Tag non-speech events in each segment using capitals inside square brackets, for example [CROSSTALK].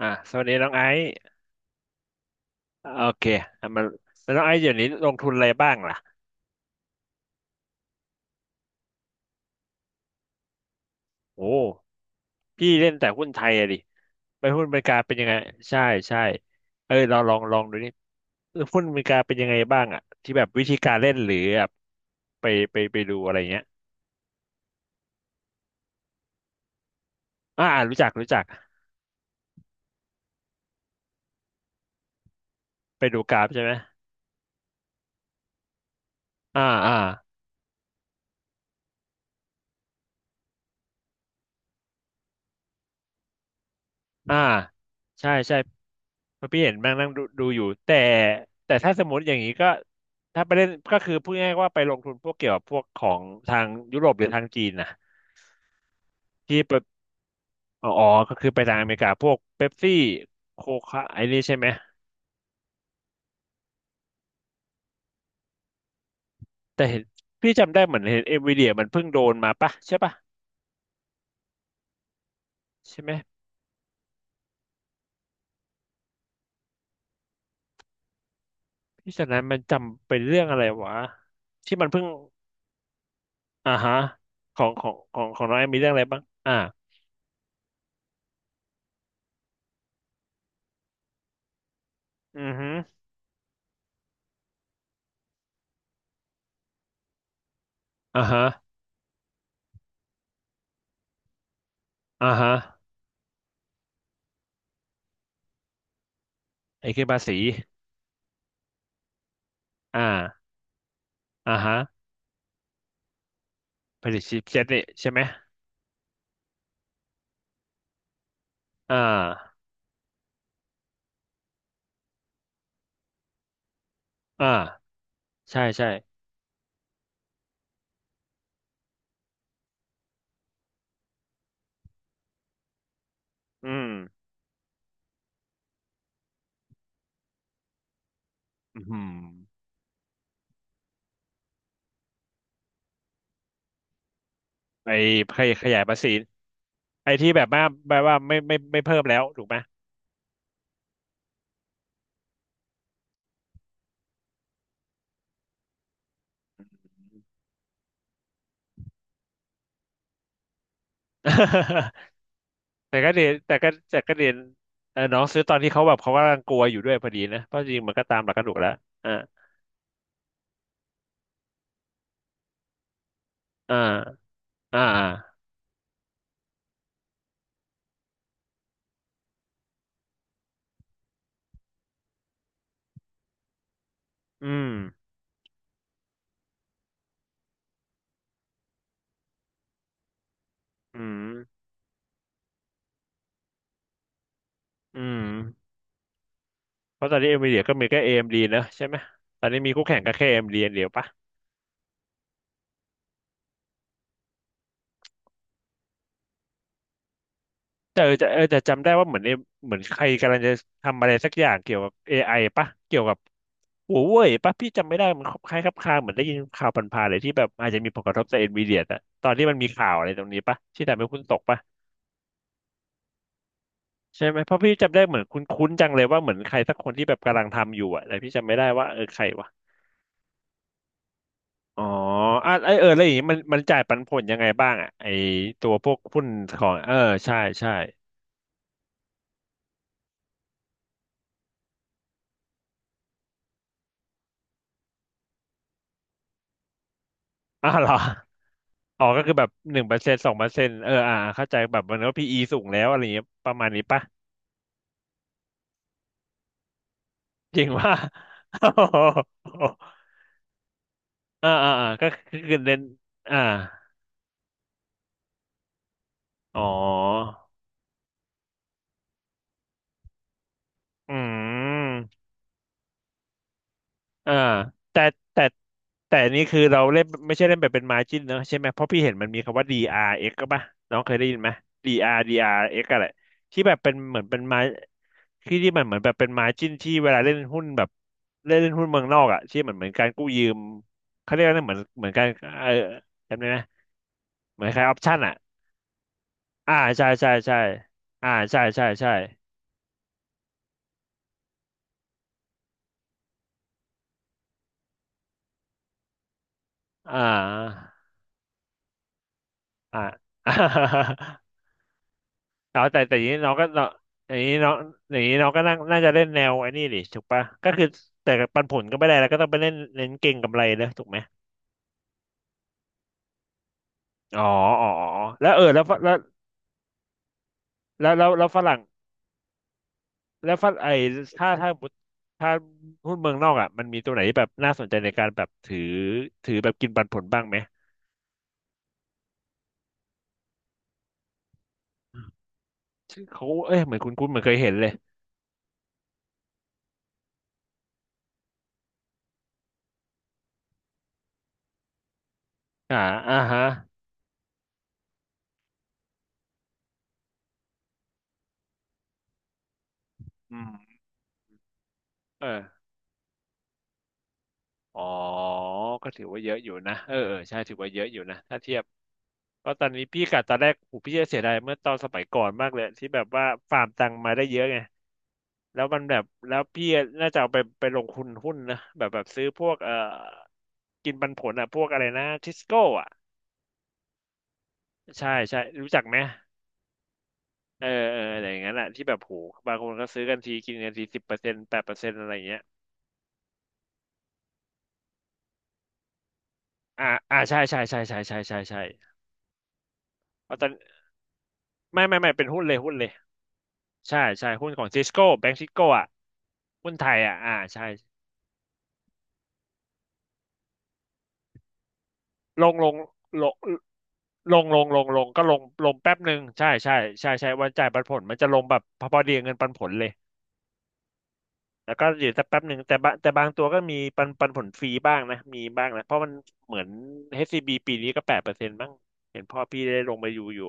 สวัสดีน้องไอซ์โอเคอ่ะมาแล้วน้องไอซ์เดี๋ยวนี้ลงทุนอะไรบ้างล่ะโอ้พี่เล่นแต่หุ้นไทยอะดิไปหุ้นอเมริกาเป็นยังไงใช่ใช่เอ้ยเราลองดูนี่เออหุ้นอเมริกาเป็นยังไงบ้างอะที่แบบวิธีการเล่นหรือแบบไปไปดูอะไรเงี้ยอ่ารู้จักรู้จักไปดูกราฟใช่ไหมอ่าอ่า อ่าใช่ใช่เพราะพี่เห็นแม่งนั่งดูอยู่แต่แต่ถ้าสมมติอย่างนี้ก็ถ้าไปเล่นก็คือพูดง่ายๆว่าไปลงทุนพวกเกี่ยวกับพวกของทางยุโรปหรือทางจีนนะที่ไปอ๋ออ๋อก็คือไปทางอเมริกาพวกเป๊ปซี่โคคาไอ้นี่ใช่ไหมแต่เห็นพี่จำได้เหมือนเห็นเอ็นวีเดียมันเพิ่งโดนมาปะใช่ปะใช่ไหมพี่ฉะนั้นมันจำเป็นเรื่องอะไรวะที่มันเพิ่งอ่าฮะของน้องแอมมีเรื่องอะไรบ้างอ่าอือฮึอ่าฮะอ่าฮะ ไอ้คือภาษีอ่าอ่าฮะภาษีชิปเซ็ตนี่ใช่ไหมอ่าอ่าใช่ใช่อืมอืมไอ้ขยายภาษีไอ้ที่แบบว่าแบบว่าไม่เพิ่มแล้วถูกไหม [LAUGHS] แต่ก็เรียนแต่ก็แต่ก็เรียนเออน้องซื้อตอนที่เขากำลังกลัวอยู่ด้วยพอดีนะเพราะจริงมันก็ตามหลักกระดูกแล้วอ่าอ่าอ่าอาอืมอืมอืมเพราะตอนนี้เอ็มวีเดียก็มีแค่เอ็มดีนะใช่ไหม ตอนนี้มีคู่แข่งก็แค่เอ็มดีเดียวปะ แต่เออแต่เออแต่จำได้ว่าเหมือนเอเหมือนใครกำลังจะทำอะไรสักอย่างเกี่ยวกับ AI ปะเกี่ยวกับหัวเว่ยปะพี่จำไม่ได้มันคล้ายคลับคลาเหมือนได้ยินข่าวผ่านๆเลยที่แบบอาจจะมีผลกระทบต่อเอ็นวีเดียอะตอนที่มันมีข่าวอะไรตรงนี้ปะที่ทำให้คุณตกปะใช่ไหมเพราะพี่จำได้เหมือนคุ้นๆจังเลยว่าเหมือนใครสักคนที่แบบกำลังทำอยู่อะแต่พี่จำไม่ได้ว่าเออใครวะอ๋ออ่ะไอเอออะไรอย่างงี้มันจ่ายปันผลยังไงบ้างอะไอตัวพวกหุ้นของเออใช่ใช่อ้าวเหรอ อ๋อก็คือแบบ1%2%เอออ่าเข้าใจแบบมันก็พีอีสูงแล้วอะไรอย่างเงี้ยประมาณนี้ปะจริงว่า [LAUGHS] อ่าอ่าอ่าก็คือเน้นอ่าอ๋ออืม อ่าแต่แต่แต่นี่คือเราเล่นไม่ใช่เล่นแบบเป็น margin เนอะใช่ไหมเพราะพี่เห็นมันมีคำว่า DRX กซ์ก็ป่ะน้องเคยได้ยินไหม DRX อาร์ดีอาร์เอ็กซ์อะไรที่แบบเป็นเหมือนเป็นมาที่ที่มันเหมือนแบบเป็น margin ที่เวลาเล่นหุ้นแบบเล่นเล่นหุ้นเมืองนอกอ่ะที่เหมือนการกู้ยืมเขาเรียกว่าเหมือนการเออจำได้ไหมเหมือนคล้ายออปชั่นอ่ะอ่าใช่ใช่ใช่อ่าใช่ใช่ใช่อ่าอ่า [LAUGHS] เอาแต่อย่างนี้น้องก็น้องอย่างนี้น้องอย่างนี้น้องก็น่าจะเล่นแนวไอ้นี่ดิถูกปะก็คือแต่ปันผลก็ไม่ได้แล้วก็ต้องไปเล่นเน้นเก่งกำไรนะถูกไหมอ๋ออ๋ออ๋อแล้วเออแล้วฝแล้วแล้วแล้วแล้วฝรั่งแล้วฝรั่งไอ้ถ้าถ้าถ้าหุ้นเมืองนอกอ่ะมันมีตัวไหนที่แบบน่าสนใจในการแบบถือแบบกินปันผลบ้างไหมชื่อเขาเอ้ยเหมือนคุณเหมือนเคยเห็นเลยอ่าอ่าฮะอืมเออ อ๋อก็ถือว่าเยอะอยู่นะเออเออใช่ถือว่าเยอะอยู่นะ ถ้าเทียบ ก็ตอนนี้พี่กะตอนแรกโหพี่จะเสียดายเมื่อตอนสมัยก่อนมากเลยที่แบบว่าฟาร์มตังมาได้เยอะไงแล้วมันแบบแล้วพี่น่าจะเอาไปลงทุนหุ้นนะแบบแบบซื้อพวกเอ่อกินปันผลอ่ะพวกอะไรนะทิสโก้อ่ะใช่ใช่รู้จักไหมเออเอออะไรอย่างนั้นแหละที่แบบโหบางคนก็ซื้อกันทีกินกันที10%8%อะไรอย่างเงี้ยอ่าอ่าใช่ใช่ใช่ใช่ใช่ใช่ใช่เพราะตอนไม่เป็นหุ้นเลยหุ้นเลย ใช่ใช่หุ้นของซิสโก้แบงก์ซิสโก้อ่ะหุ้นไทยอ่ะอ่าใช่ลงลงลงลงลงก็ลงแป๊บหนึ่งใช่ใช่ใช่ใช่วันจ่ายปันผลมันจะลงแบบพอพอดีกับเงินปันผลเลยแล้วก็อยู่สักแป๊บหนึ่งแต่บางตัวก็มีปันผลฟรีบ้างนะมีบ้างนะเพราะมันเหมือนเอชซีบีปีนี้ก็8%บ้างเห็นพ่อพี่ได้ลงไปอยู่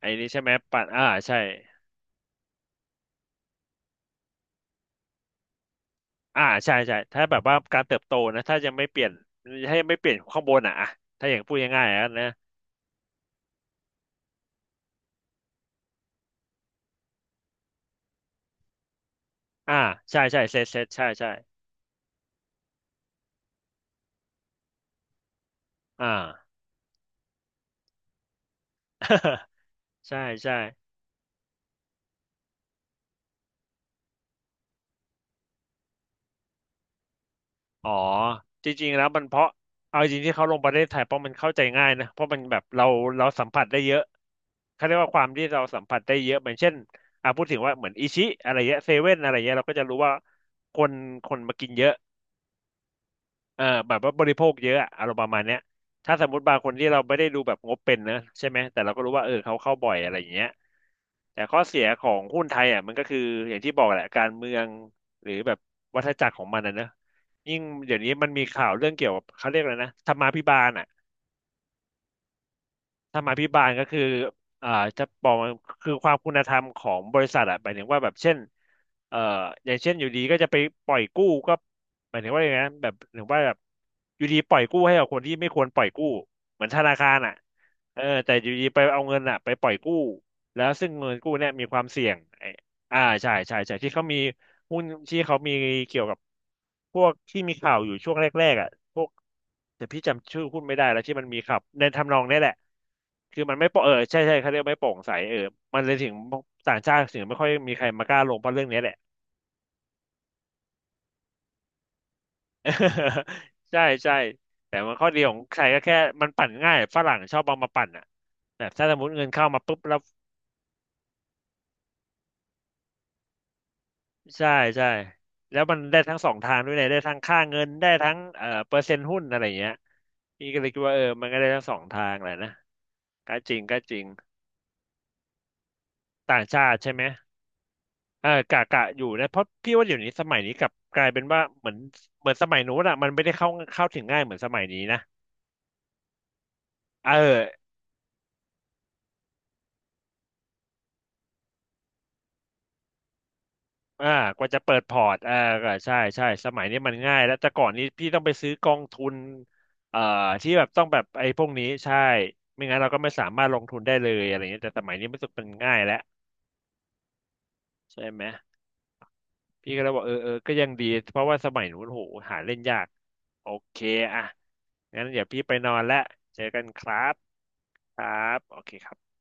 ไอ้นี้ใช่ไหมปันอ่าใช่อ่าใช่ใช่ถ้าแบบว่าการเติบโตนะถ้ายังไม่เปลี่ยนถ้ายังไม่เปลี่ยนข้างบนอ่ะถ้าอย่างพูดง่ายๆนะ อ่าใช่ใช่เซตใช่ใช่อ่า [LAUGHS] ใช่ใช่อ๋อจริงๆแล้วมันเพราะเอาจริงที่เขาลงประเทศไทยเพราะมันเข้าใจง่ายนะเพราะมันแบบเราสัมผัสได้เยอะเขาเรียกว่าความที่เราสัมผัสได้เยอะเหมือนเช่นพูดถึงว่าเหมือนอิชิอะไรเงี้ยเซเว่นอะไรเงี้ยเราก็จะรู้ว่าคนคนมากินเยอะ เออแบบว่าบริโภคเยอะอะอารมณ์ประมาณเนี้ยถ้าสมมติบางคนที่เราไม่ได้ดูแบบงบเป็นนะใช่ไหมแต่เราก็รู้ว่าเออเขาเข้าบ่อยอะไรอย่างเงี้ยแต่ข้อเสียของหุ้นไทยอ่ะมันก็คืออย่างที่บอกแหละการเมืองหรือแบบวัฏจักรของมันนะเนอะยิ่งเดี๋ยวนี้มันมีข่าวเรื่องเกี่ยวกับเขาเรียกอะไรนะธรรมาภิบาลอ่ะ ธรรมาภิบาลก็คืออ่าจะบอกว่าคือความคุณธรรมของบริษัทอะหมายถึงว่าแบบเช่นเอ่ออย่างเช่นอยู่ดีก็จะไปปล่อยกู้ก็หมายถึงว่าอย่างนั้นแบบหรือว่าแบบอยู่ดีปล่อยกู้ให้กับคนที่ไม่ควรปล่อยกู้เหมือนธนาคารอะเออแต่อยู่ดีไปเอาเงินอะไปปล่อยกู้แล้วซึ่งเงินกู้เนี่ยมีความเสี่ยงไอ้อ่าใช่ใช่ที่เขามี หุ้นที่เขามีเกี่ยวกับพวกที่มีข่าวอยู่ช่วงแรกๆอ่ะพวกแต่พี่จำชื่อหุ้นไม่ได้แล้วที่มันมีข่าวในทำนองนี้แหละคือมันไม่โปร่งเออใช่ใช่เขาเรียกไม่โปร่งใสเออมันเลยถึงต่างชาติถึงไม่ค่อยมีใครมากล้าลงเพราะเรื่องนี้แหละ [LAUGHS] ใช่ใช่แต่มันข้อดีของใครก็แค่มันปั่นง่ายฝรั่งชอบเอามาปั่นอ่ะแบบถ้าสมมติเงินเข้ามาปุ๊บแล้ว ใช่ใช่แล้วมันได้ทั้งสองทางด้วยเนี่ยได้ทั้งค่าเงินได้ทั้งเปอร์เซ็นต์หุ้นอะไรอย่างเงี้ยพี่ก็เลยคิดว่าเออมันก็ได้ทั้งสองทางแหละนะก็จริงต่างชาติใช่ไหมเออกะอยู่นะเพราะพี่ว่าเดี๋ยวนี้สมัยนี้กลับกลายเป็นว่าเหมือนสมัยนู้นอะมันไม่ได้เข้าถึงง่ายเหมือนสมัยนี้นะเออ อ่ากว่าจะเปิดพอร์ตอ่าก็ใช่ใช่สมัยนี้มันง่ายแล้วแต่ก่อนนี้พี่ต้องไปซื้อกองทุนเอ่อที่แบบต้องแบบไอ้พวกนี้ใช่ไม่งั้นเราก็ไม่สามารถลงทุนได้เลยอะไรเงี้ยแต่สมัยนี้มันสึกมันง่ายแล้วใช่ไหมพี่ก็เลยบอกเออเออก็ยังดีเพราะว่าสมัยนู้นโหหาเล่นยากโอเคอ่ะงั้นเดี๋ยวพี่ไปนอนแล้วเจอกันครับครับโอเคครับ